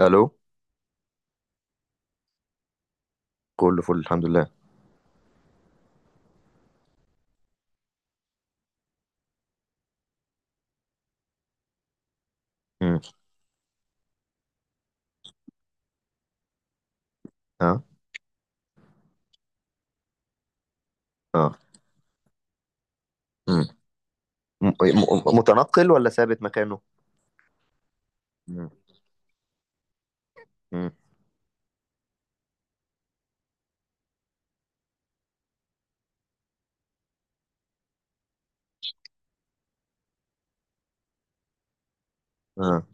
الو. كله فل الحمد لله. امم. اه. اه. متنقل ولا ثابت مكانه؟ امم. امم. اه.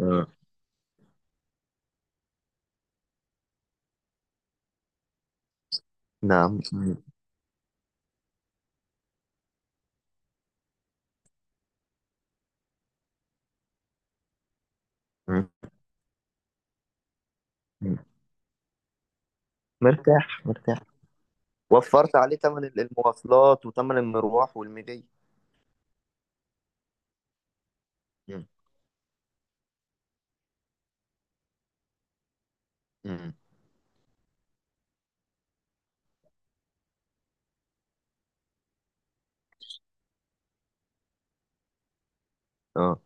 اه. نعم. مم. مم. مم. مرتاح مرتاح. وفرت عليه ثمن المواصلات وثمن المروح والمجي. مم. مم. اه.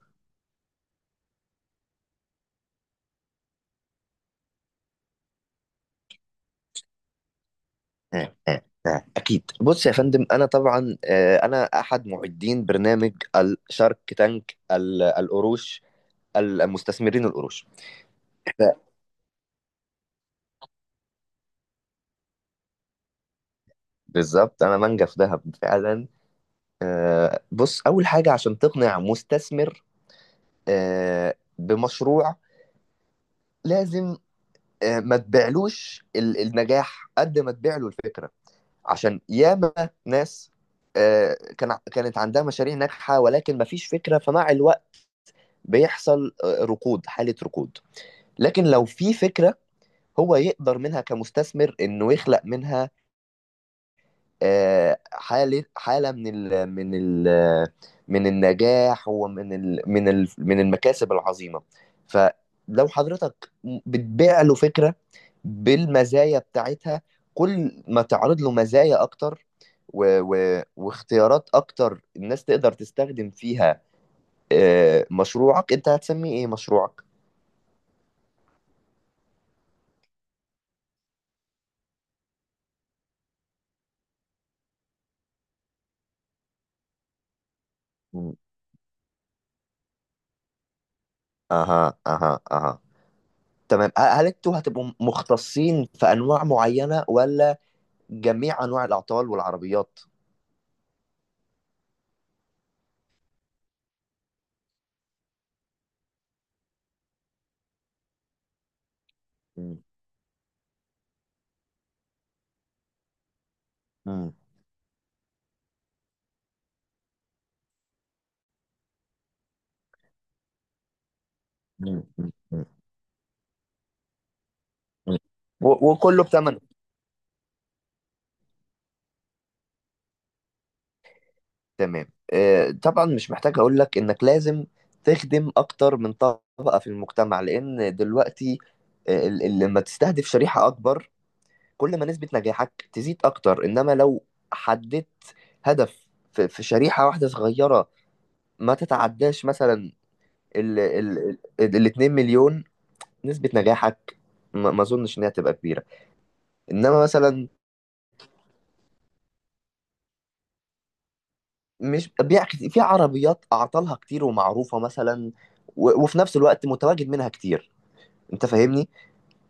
آه، آه، آه. اكيد. بص يا فندم، انا طبعا انا احد معدين برنامج الشارك تانك، القروش، المستثمرين القروش. ف- بالظبط انا منجف ذهب فعلا. بص، أول حاجة عشان تقنع مستثمر بمشروع، لازم ما تبيعلوش النجاح قد ما تبيع له الفكرة. عشان ياما ناس كانت عندها مشاريع ناجحة ولكن ما فيش فكرة، فمع الوقت بيحصل حالة ركود. لكن لو في فكرة، هو يقدر منها كمستثمر إنه يخلق منها حالة من النجاح ومن ال من ال من المكاسب العظيمة. فلو حضرتك بتبيع له فكرة بالمزايا بتاعتها، كل ما تعرض له مزايا أكتر و و واختيارات أكتر الناس تقدر تستخدم فيها. مشروعك أنت هتسميه إيه مشروعك؟ مم. أها أها أها. تمام. هل أنتوا هتبقوا مختصين في أنواع معينة، ولا جميع انواع الاعطال والعربيات؟ م. م. م. م. م. م. و- وكله بتمن. تمام. طبعا مش محتاج اقول لك انك لازم تخدم اكتر من طبقة في المجتمع، لان دلوقتي لما تستهدف شريحة اكبر، كل ما نسبة نجاحك تزيد اكتر. انما لو حددت هدف في شريحة واحدة صغيرة ما تتعداش مثلا ال ال ال 2 مليون، نسبة نجاحك ما اظنش انها تبقى كبيرة. انما مثلا، مش بيع كتير في عربيات اعطالها كتير ومعروفه مثلا، و- وفي نفس الوقت متواجد منها كتير. انت فاهمني؟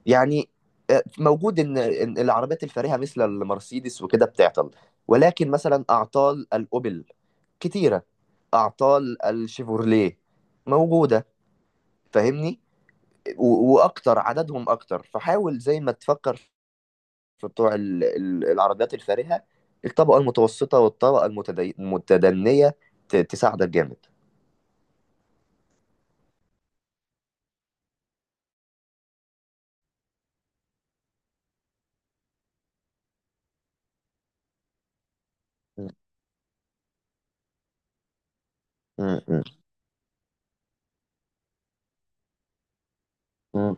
يعني موجود ان إن العربيات الفارهه مثل المرسيدس وكده بتعطل، ولكن مثلا اعطال الاوبل كتيره، اعطال الشيفورليه موجوده. فاهمني؟ و- واكتر عددهم اكتر، فحاول زي ما تفكر في بتوع العربيات الفارهه، الطبقه المتوسطه والطبقه المتدنيه تساعدك جامد. مم. مم. مم.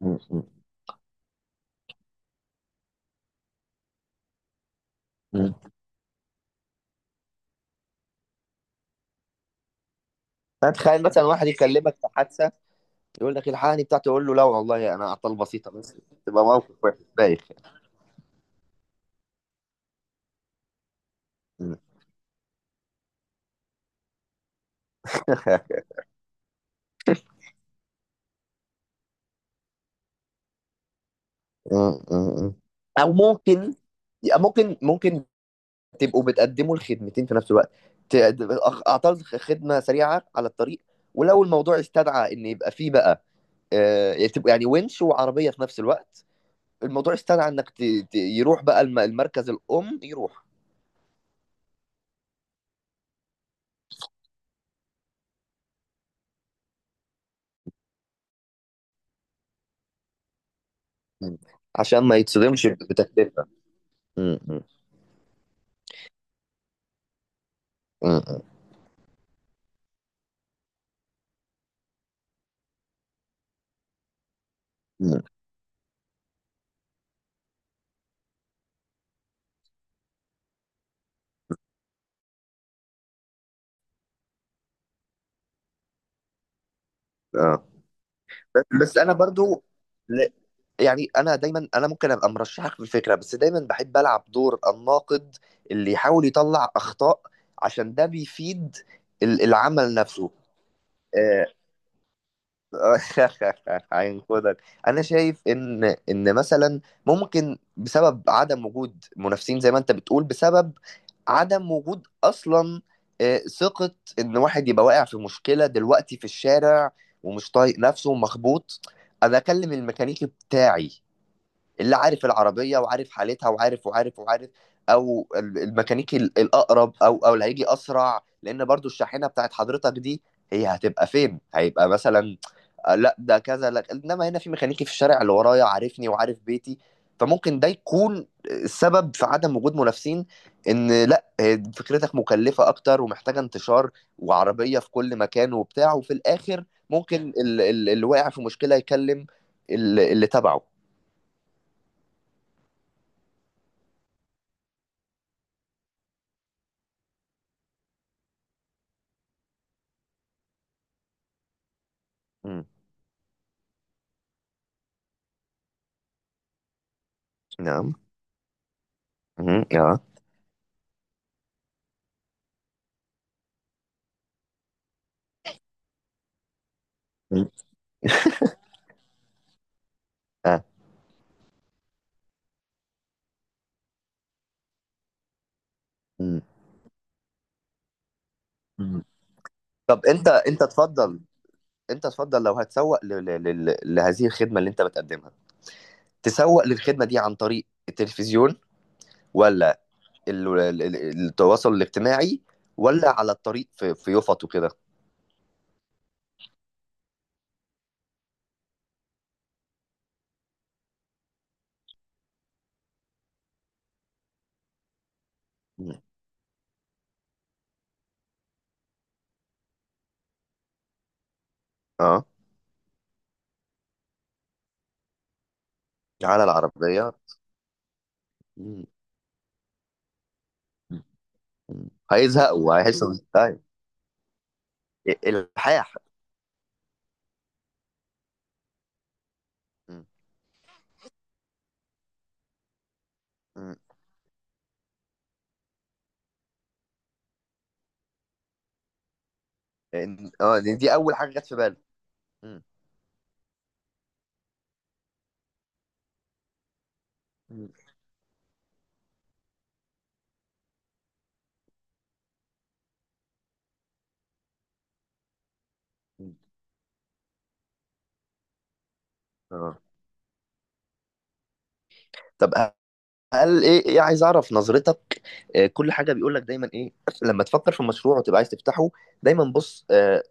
مم. مم. فتخيل مثلا واحد يكلمك في حادثه، يقول لك الحقني بتاعته، يقول له لا والله انا اعطال بسيطه بس. تبقى موقف وحش بايخ. مم. مم. مم. او ممكن ممكن ممكن تبقوا بتقدموا الخدمتين في نفس الوقت. ت- اعطال خدمه سريعه على الطريق، ولو الموضوع استدعى ان يبقى فيه بقى تبقى يعني ونش وعربيه في نفس الوقت، الموضوع استدعى انك يروح بقى المركز الام يروح. مم. عشان ما يتصدمش بتكلفة. مم. مم. مم. مم. اه. بس انا برضو ل- يعني، انا دايما انا ممكن ابقى مرشحك في الفكره، بس دايما بحب العب دور الناقد اللي يحاول يطلع اخطاء عشان ده بيفيد العمل نفسه. آه، هينقذك. انا شايف ان مثلا ممكن بسبب عدم وجود منافسين زي ما انت بتقول، بسبب عدم وجود اصلا ثقة، ان واحد يبقى واقع في مشكلة دلوقتي في الشارع ومش طايق نفسه ومخبوط، انا اكلم الميكانيكي بتاعي اللي عارف العربية وعارف حالتها وعارف وعارف وعارف، او الميكانيكي الاقرب، او اللي هيجي اسرع لان برضو الشاحنة بتاعت حضرتك دي، هي هتبقى فين؟ هيبقى مثلا لا ده كذا لا، انما هنا في ميكانيكي في الشارع اللي ورايا عارفني وعارف بيتي. فممكن ده يكون السبب في عدم وجود منافسين، ان لا فكرتك مكلفة اكتر ومحتاجة انتشار وعربية في كل مكان وبتاع، وفي الاخر ممكن اللي واقع في مشكلة يكلم اللي تبعه. مم. نعم. مم. اه. مم. اه. مم. مم. طب انت اتفضل. انت اتفضل، لو هتسوق لهذه الخدمة اللي انت بتقدمها، تسوق للخدمة دي عن طريق التلفزيون، ولا التواصل الاجتماعي، ولا على الطريق في يفط وكده؟ مم. اه. على العربية. مم. مم. هيزهقوا وهيحسوا. طيب، الحاح. مم. مم. لأن دي أول حاجة جت في بالي. مم. مم. مم. اه. طب هل ايه عايز اعرف نظرتك. كل حاجه بيقول لك دايما ايه؟ لما تفكر في مشروع وتبقى عايز تفتحه، دايما بص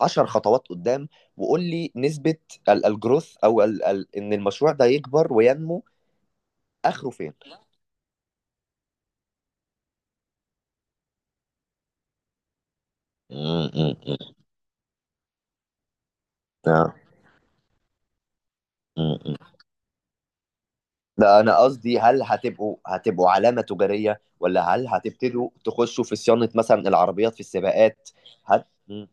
10 خطوات قدام، وقول لي نسبة الجروث، او ال ال ان المشروع ده يكبر وينمو، اخره فين. مم، مم، مم. آه، مم، مم. لا، انا قصدي هل هتبقوا علامة تجارية، ولا هل هتبتدوا تخشوا في صيانة مثلا العربيات في السباقات؟ مم.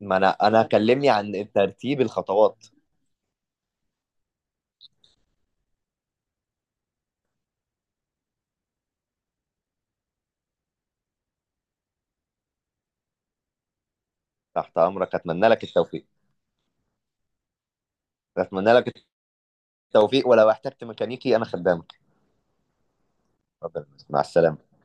ما انا كلمني عن ترتيب الخطوات. تحت امرك، اتمنى لك التوفيق. اتمنى لك التوفيق، ولو احتجت ميكانيكي انا خدامك. اتفضل. مع السلامة.